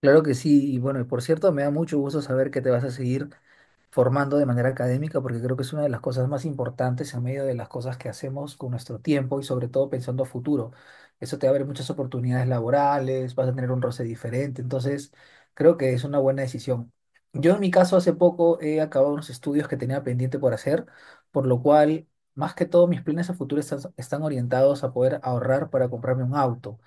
Claro que sí, y bueno, y por cierto, me da mucho gusto saber que te vas a seguir formando de manera académica, porque creo que es una de las cosas más importantes en medio de las cosas que hacemos con nuestro tiempo y sobre todo pensando a futuro. Eso te abre muchas oportunidades laborales, vas a tener un roce diferente, entonces creo que es una buena decisión. Yo en mi caso hace poco he acabado unos estudios que tenía pendiente por hacer, por lo cual más que todo mis planes a futuro están, están orientados a poder ahorrar para comprarme un auto.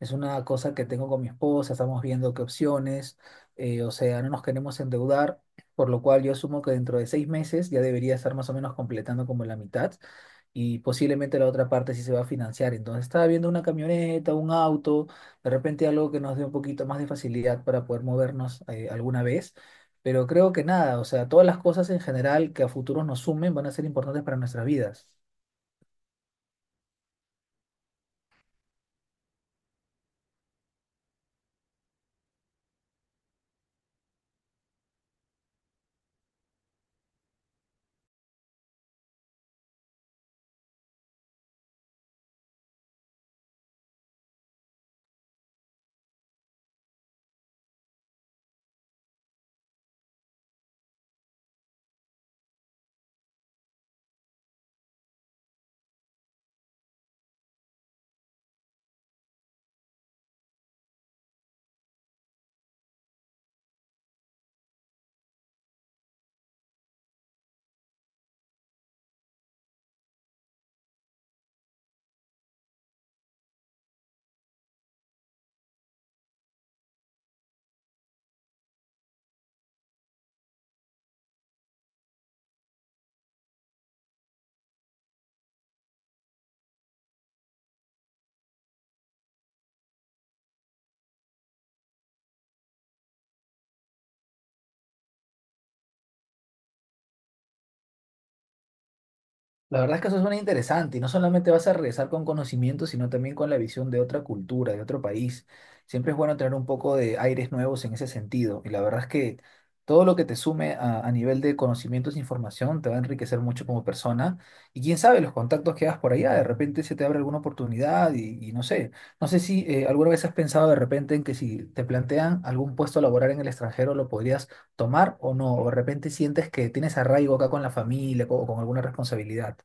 Es una cosa que tengo con mi esposa, estamos viendo qué opciones, o sea, no nos queremos endeudar, por lo cual yo asumo que dentro de 6 meses ya debería estar más o menos completando como la mitad y posiblemente la otra parte sí se va a financiar. Entonces estaba viendo una camioneta, un auto, de repente algo que nos dé un poquito más de facilidad para poder movernos alguna vez. Pero creo que nada, o sea, todas las cosas en general que a futuro nos sumen van a ser importantes para nuestras vidas. La verdad es que eso suena interesante y no solamente vas a regresar con conocimiento, sino también con la visión de otra cultura, de otro país. Siempre es bueno tener un poco de aires nuevos en ese sentido y la verdad es que todo lo que te sume a nivel de conocimientos e información te va a enriquecer mucho como persona, y quién sabe los contactos que hagas por allá, de repente se te abre alguna oportunidad y no sé, si alguna vez has pensado de repente en que si te plantean algún puesto laboral en el extranjero lo podrías tomar o no, o de repente sientes que tienes arraigo acá con la familia o con alguna responsabilidad.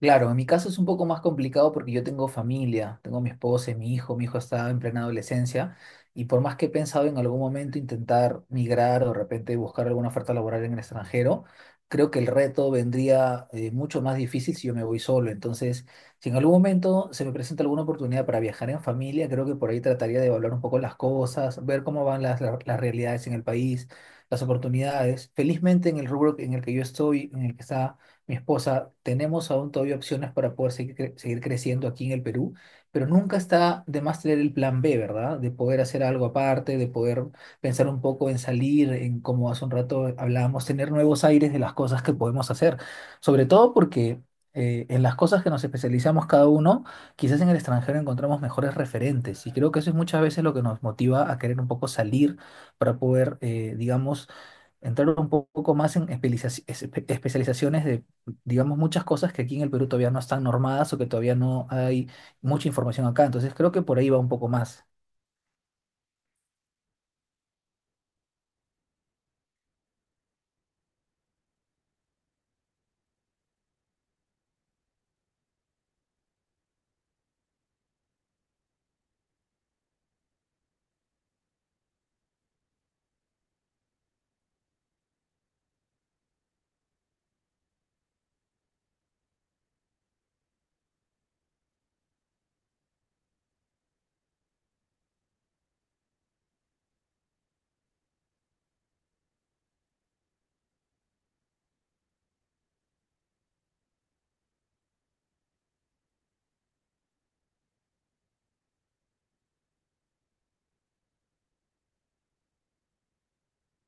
Claro, en mi caso es un poco más complicado porque yo tengo familia, tengo mi esposa y mi hijo está en plena adolescencia y por más que he pensado en algún momento intentar migrar o de repente buscar alguna oferta laboral en el extranjero, creo que el reto vendría mucho más difícil si yo me voy solo. Entonces, si en algún momento se me presenta alguna oportunidad para viajar en familia, creo que por ahí trataría de evaluar un poco las cosas, ver cómo van las realidades en el país, las oportunidades. Felizmente en el rubro en el que yo estoy, en el que está mi esposa, tenemos aún todavía opciones para poder seguir, seguir creciendo aquí en el Perú, pero nunca está de más tener el plan B, ¿verdad? De poder hacer algo aparte, de poder pensar un poco en salir, en como hace un rato hablábamos, tener nuevos aires de las cosas que podemos hacer, sobre todo porque... en las cosas que nos especializamos cada uno, quizás en el extranjero encontramos mejores referentes y creo que eso es muchas veces lo que nos motiva a querer un poco salir para poder, digamos, entrar un poco más en especializaciones de, digamos, muchas cosas que aquí en el Perú todavía no están normadas o que todavía no hay mucha información acá. Entonces creo que por ahí va un poco más.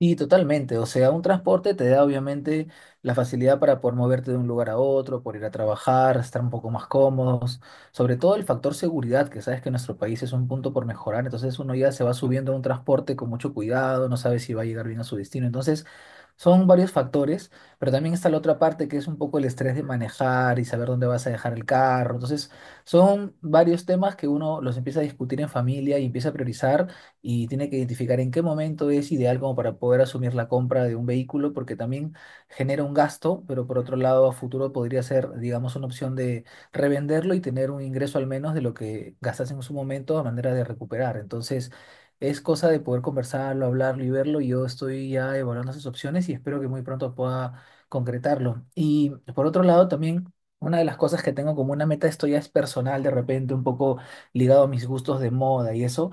Y totalmente, o sea, un transporte te da obviamente la facilidad para poder moverte de un lugar a otro, por ir a trabajar, estar un poco más cómodos, sobre todo el factor seguridad, que sabes que en nuestro país es un punto por mejorar, entonces uno ya se va subiendo a un transporte con mucho cuidado, no sabe si va a llegar bien a su destino, entonces son varios factores, pero también está la otra parte que es un poco el estrés de manejar y saber dónde vas a dejar el carro, entonces son varios temas que uno los empieza a discutir en familia y empieza a priorizar y tiene que identificar en qué momento es ideal como para poder asumir la compra de un vehículo, porque también genera un gasto, pero por otro lado a futuro podría ser, digamos, una opción de revenderlo y tener un ingreso al menos de lo que gastas en su momento a manera de recuperar. Entonces, es cosa de poder conversarlo, hablarlo y verlo. Yo estoy ya evaluando esas opciones y espero que muy pronto pueda concretarlo. Y por otro lado, también una de las cosas que tengo como una meta, esto ya es personal, de repente un poco ligado a mis gustos de moda y eso,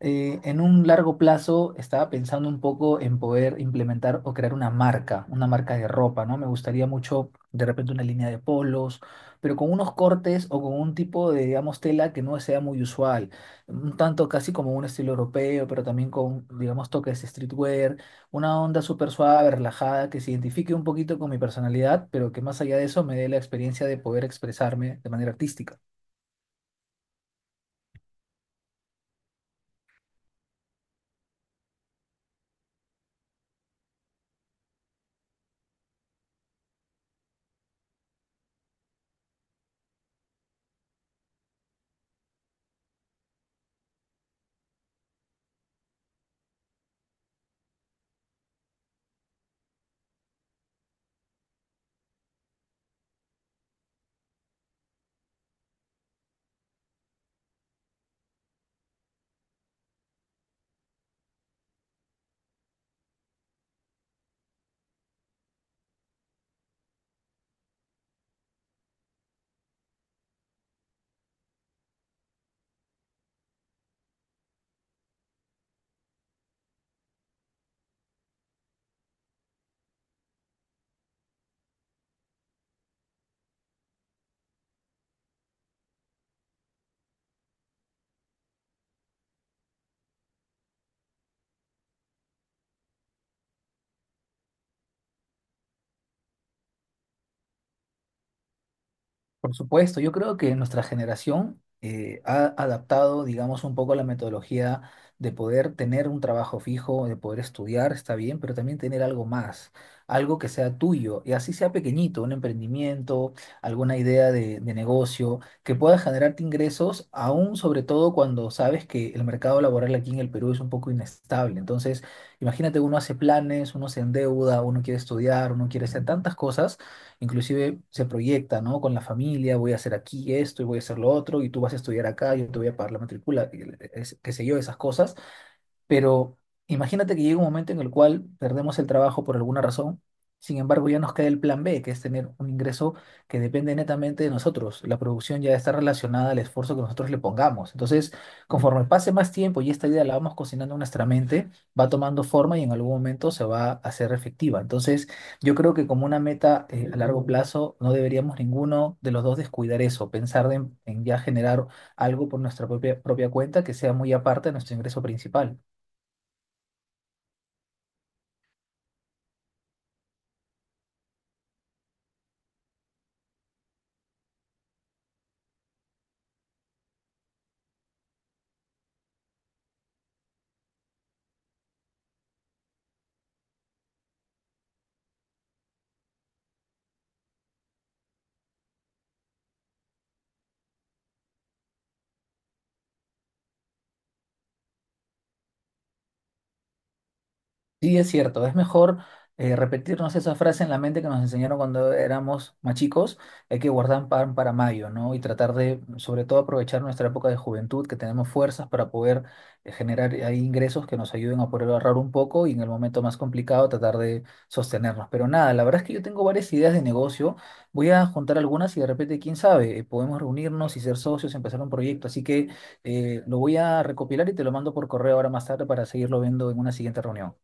en un largo plazo estaba pensando un poco en poder implementar o crear una marca de ropa, ¿no? Me gustaría mucho de repente una línea de polos, pero con unos cortes o con un tipo de, digamos, tela que no sea muy usual, un tanto casi como un estilo europeo, pero también con, digamos, toques streetwear, una onda súper suave, relajada, que se identifique un poquito con mi personalidad, pero que más allá de eso me dé la experiencia de poder expresarme de manera artística. Por supuesto, yo creo que nuestra generación ha adaptado, digamos, un poco la metodología de poder tener un trabajo fijo, de poder estudiar, está bien, pero también tener algo más, algo que sea tuyo, y así sea pequeñito, un emprendimiento, alguna idea de negocio, que pueda generarte ingresos, aún sobre todo cuando sabes que el mercado laboral aquí en el Perú es un poco inestable. Entonces, imagínate, uno hace planes, uno se endeuda, uno quiere estudiar, uno quiere hacer tantas cosas, inclusive se proyecta, ¿no? Con la familia, voy a hacer aquí esto y voy a hacer lo otro, y tú vas a estudiar acá, yo te voy a pagar la matrícula, y qué sé yo, esas cosas. Pero imagínate que llega un momento en el cual perdemos el trabajo por alguna razón, sin embargo ya nos queda el plan B, que es tener un ingreso que depende netamente de nosotros. La producción ya está relacionada al esfuerzo que nosotros le pongamos. Entonces, conforme pase más tiempo y esta idea la vamos cocinando en nuestra mente, va tomando forma y en algún momento se va a hacer efectiva. Entonces, yo creo que como una meta, a largo plazo, no deberíamos ninguno de los dos descuidar eso, pensar en ya generar algo por nuestra propia cuenta que sea muy aparte de nuestro ingreso principal. Sí, es cierto, es mejor repetirnos esa frase en la mente que nos enseñaron cuando éramos más chicos, hay que guardar pan para mayo, ¿no? Y tratar de, sobre todo, aprovechar nuestra época de juventud, que tenemos fuerzas para poder generar ahí ingresos que nos ayuden a poder ahorrar un poco y en el momento más complicado tratar de sostenernos. Pero nada, la verdad es que yo tengo varias ideas de negocio, voy a juntar algunas y de repente, quién sabe, podemos reunirnos y ser socios, empezar un proyecto, así que lo voy a recopilar y te lo mando por correo ahora más tarde para seguirlo viendo en una siguiente reunión.